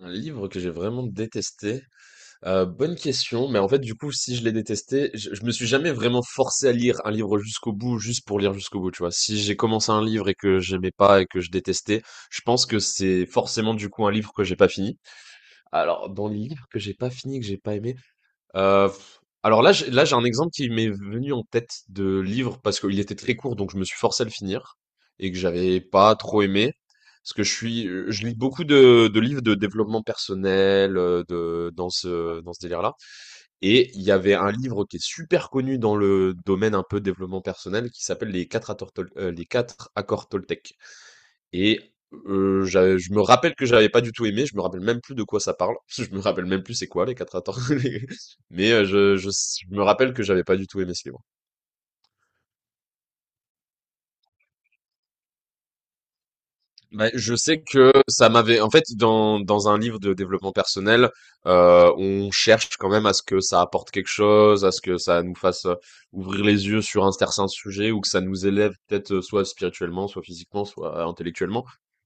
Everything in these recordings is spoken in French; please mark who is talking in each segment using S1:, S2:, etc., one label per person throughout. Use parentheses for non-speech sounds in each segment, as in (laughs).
S1: Un livre que j'ai vraiment détesté. Bonne question, mais en fait, du coup, si je l'ai détesté, je me suis jamais vraiment forcé à lire un livre jusqu'au bout, juste pour lire jusqu'au bout, tu vois. Si j'ai commencé un livre et que j'aimais pas et que je détestais, je pense que c'est forcément du coup un livre que j'ai pas fini. Alors, dans les livres que j'ai pas fini, que j'ai pas aimé, euh, alors là, là, j'ai un exemple qui m'est venu en tête de livre parce qu'il était très court, donc je me suis forcé à le finir et que j'avais pas trop aimé. Parce que je suis, je lis beaucoup de livres de développement personnel, dans ce délire-là. Et il y avait un livre qui est super connu dans le domaine un peu développement personnel qui s'appelle Les quatre accords, Les quatre accords Toltec. Et j'avais je me rappelle que j'avais pas du tout aimé, je me rappelle même plus de quoi ça parle. (laughs) Je me rappelle même plus c'est quoi les quatre accords, (laughs) mais je me rappelle que j'avais pas du tout aimé ce livre. Bah, je sais que ça m'avait, en fait, dans un livre de développement personnel, on cherche quand même à ce que ça apporte quelque chose, à ce que ça nous fasse ouvrir les yeux sur un certain sujet ou que ça nous élève peut-être soit spirituellement, soit physiquement, soit intellectuellement.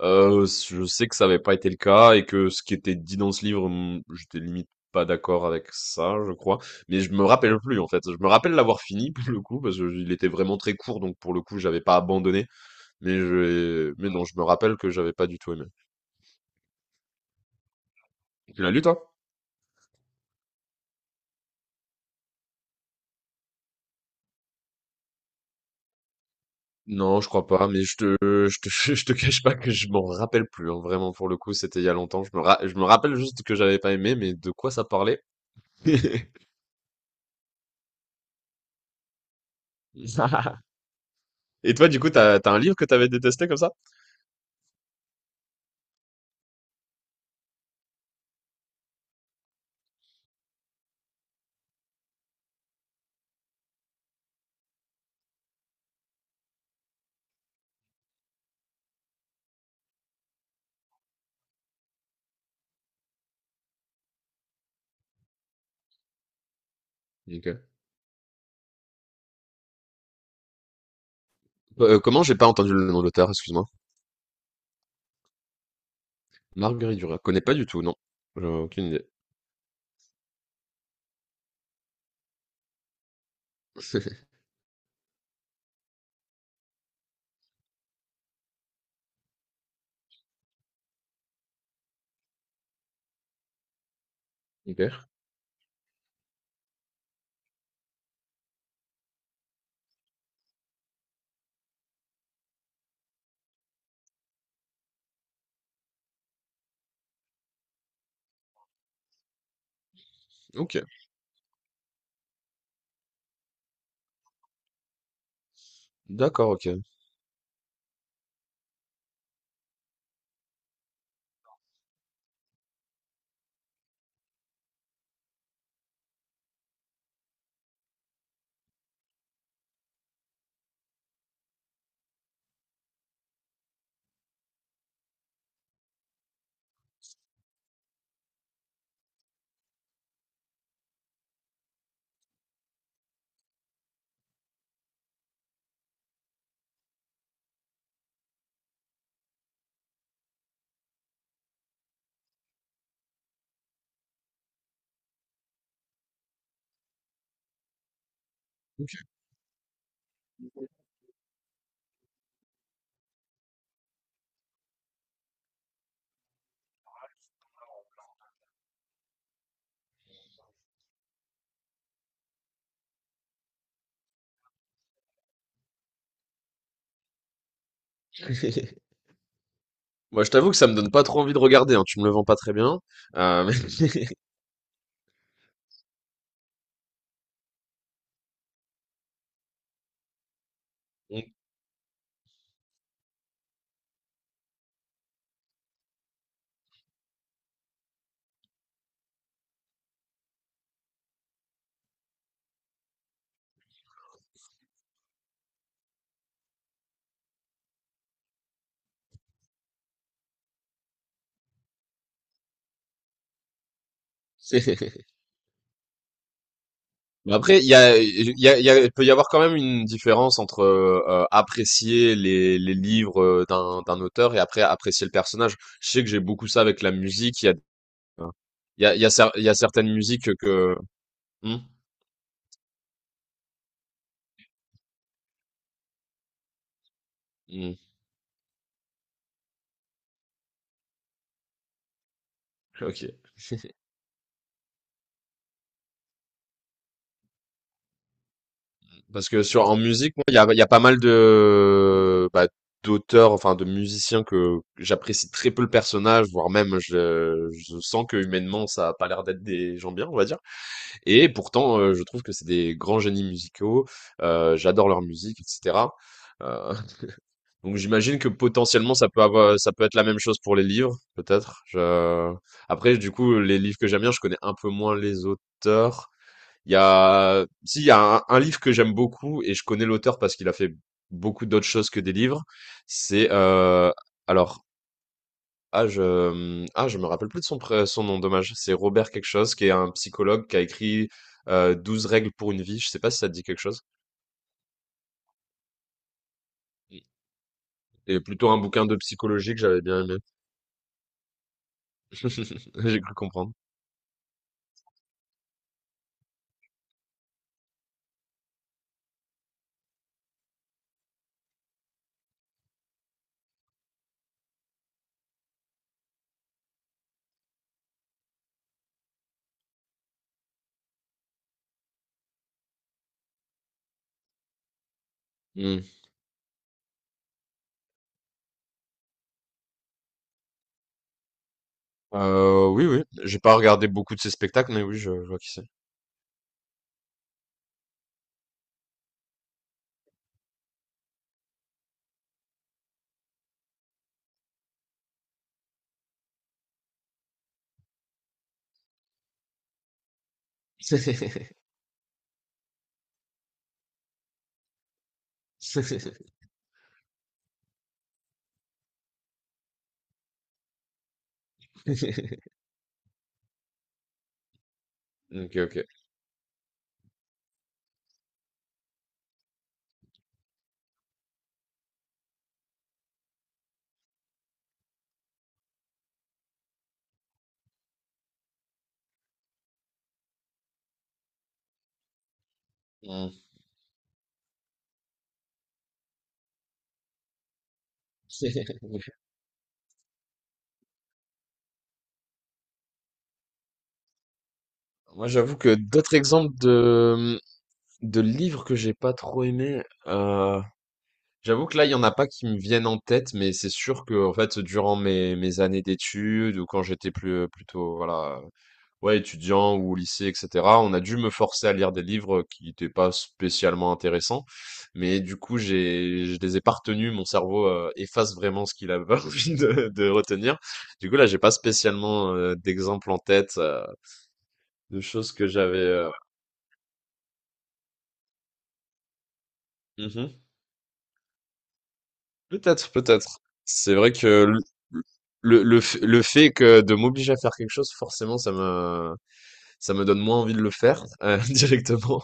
S1: Je sais que ça n'avait pas été le cas et que ce qui était dit dans ce livre, j'étais limite pas d'accord avec ça, je crois. Mais je me rappelle plus, en fait. Je me rappelle l'avoir fini, (laughs) pour le coup, parce qu'il était vraiment très court, donc pour le coup, j'avais pas abandonné. Mais mais non, je me rappelle que j'avais pas du tout aimé. Tu l'as lu, toi? Non, je crois pas, mais je te, (laughs) je te cache pas que je m'en rappelle plus, hein. Vraiment, pour le coup, c'était il y a longtemps. Je me rappelle juste que j'avais pas aimé, mais de quoi ça parlait? (laughs) Et toi, du coup, t'as un livre que t'avais détesté comme ça? OK. Comment? J'ai pas entendu le nom de l'auteur, excuse-moi? Marguerite Duras. Connais pas du tout, non. J'ai aucune idée. (laughs) Ok. OK. D'accord, OK. (laughs) Moi, je t'avoue que ça me donne pas trop envie de regarder, hein. Tu me le vends pas très bien. Heu, mais (laughs) mais après, il y a il y a il y a il peut y avoir quand même une différence entre, apprécier les livres, d'un auteur et après apprécier le personnage. Je sais que j'ai beaucoup ça avec la musique. Il y a il y a il y a cer Il y a certaines musiques que mmh? Mmh. OK. Parce que sur en musique, moi, il y a pas mal de bah, d'auteurs, enfin de musiciens que j'apprécie très peu le personnage, voire même je sens que humainement ça a pas l'air d'être des gens bien, on va dire. Et pourtant, je trouve que c'est des grands génies musicaux. J'adore leur musique, etc. Euh, donc j'imagine que potentiellement ça peut être la même chose pour les livres, peut-être. Après, du coup, les livres que j'aime bien, je connais un peu moins les auteurs. Il y a, si, il y a un livre que j'aime beaucoup et je connais l'auteur parce qu'il a fait beaucoup d'autres choses que des livres. C'est, euh, alors, je me rappelle plus de son, son nom, dommage. C'est Robert quelque chose, qui est un psychologue qui a écrit 12 règles pour une vie. Je sais pas si ça te dit quelque chose. Et plutôt un bouquin de psychologie que j'avais bien aimé. (laughs) J'ai cru comprendre. Hmm. Oui, oui. J'ai pas regardé beaucoup de ses spectacles, mais oui, je vois qui c'est. (laughs) Ok, ok. Hmm. (laughs) Moi, j'avoue que d'autres exemples de livres que j'ai pas trop aimés, euh, j'avoue que là, il y en a pas qui me viennent en tête, mais c'est sûr que, en fait, durant mes années d'études ou quand j'étais plus, plutôt, voilà, ouais, étudiant ou au lycée, etc., on a dû me forcer à lire des livres qui n'étaient pas spécialement intéressants. Mais du coup, je les ai pas retenus. Mon cerveau, efface vraiment ce qu'il avait (laughs) envie de retenir. Du coup, là, j'ai pas spécialement, d'exemple en tête, de choses que j'avais, euh, Peut-être, peut-être. C'est vrai que le fait que de m'obliger à faire quelque chose, forcément, ça me donne moins envie de le faire (laughs) directement.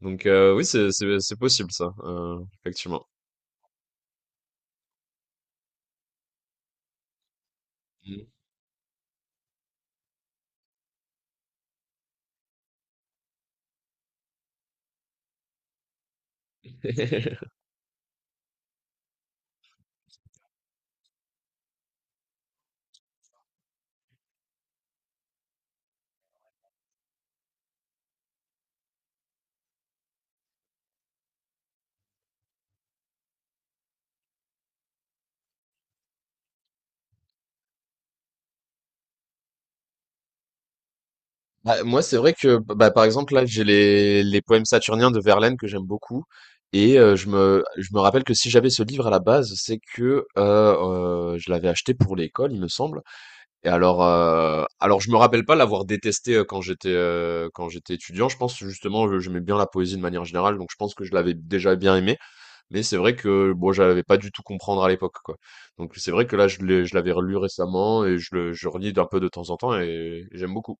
S1: Donc oui, c'est possible ça, effectivement. Mm. Bah, moi, c'est vrai que, bah, par exemple, là, j'ai les poèmes saturniens de Verlaine que j'aime beaucoup. Et je me rappelle que si j'avais ce livre à la base, c'est que je l'avais acheté pour l'école, il me semble. Et alors, je me rappelle pas l'avoir détesté quand j'étais étudiant. Je pense justement, j'aimais bien la poésie de manière générale, donc je pense que je l'avais déjà bien aimé. Mais c'est vrai que bon, j'avais pas du tout comprendre à l'époque, quoi. Donc c'est vrai que là, je l'avais relu récemment et je relis d'un peu de temps en temps et j'aime beaucoup.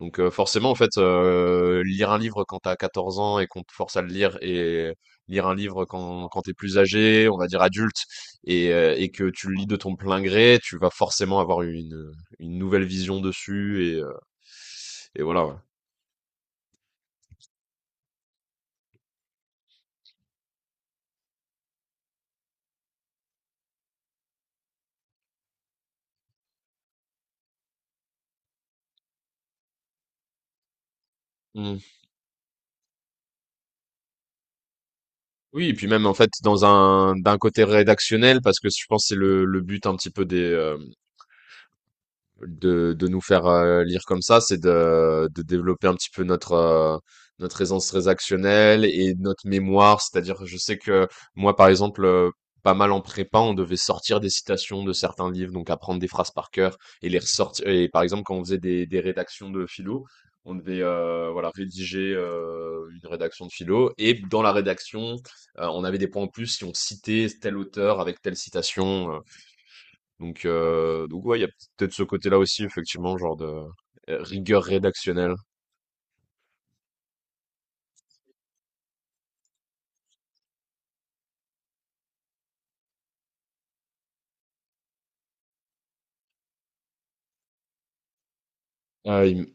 S1: Donc forcément, en fait, lire un livre quand t'as 14 ans et qu'on te force à le lire et lire un livre quand, t'es plus âgé, on va dire adulte, et que tu le lis de ton plein gré, tu vas forcément avoir une nouvelle vision dessus et voilà. Ouais. Mm. Oui, et puis même en fait dans un d'un côté rédactionnel parce que je pense que c'est le but un petit peu de nous faire lire comme ça, c'est de développer un petit peu notre aisance transactionnelle et notre mémoire. C'est-à-dire, je sais que moi, par exemple, pas mal en prépa, on devait sortir des citations de certains livres, donc apprendre des phrases par cœur et les ressortir. Et par exemple, quand on faisait des rédactions de philo, on devait voilà, rédiger une rédaction de philo. Et dans la rédaction, on avait des points en plus si on citait tel auteur avec telle citation. Donc, ouais, il y a peut-être ce côté-là aussi, effectivement, genre de rigueur rédactionnelle. Ah,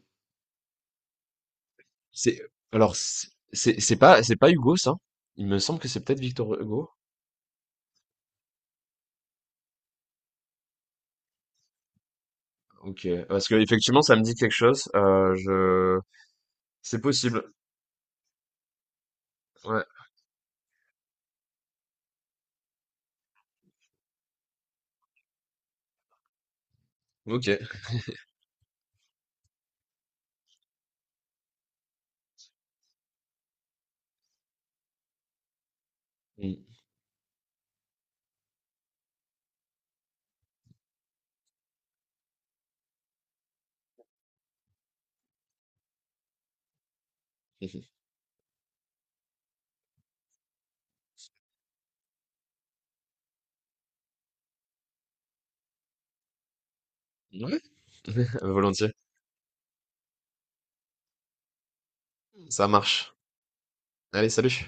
S1: c'est, alors, c'est pas Hugo, ça? Il me semble que c'est peut-être Victor Hugo. Ok, parce que effectivement, ça me dit quelque chose. C'est possible. Ouais. Ok. Mm. (laughs) Ouais, volontiers. Ça marche. Allez, salut.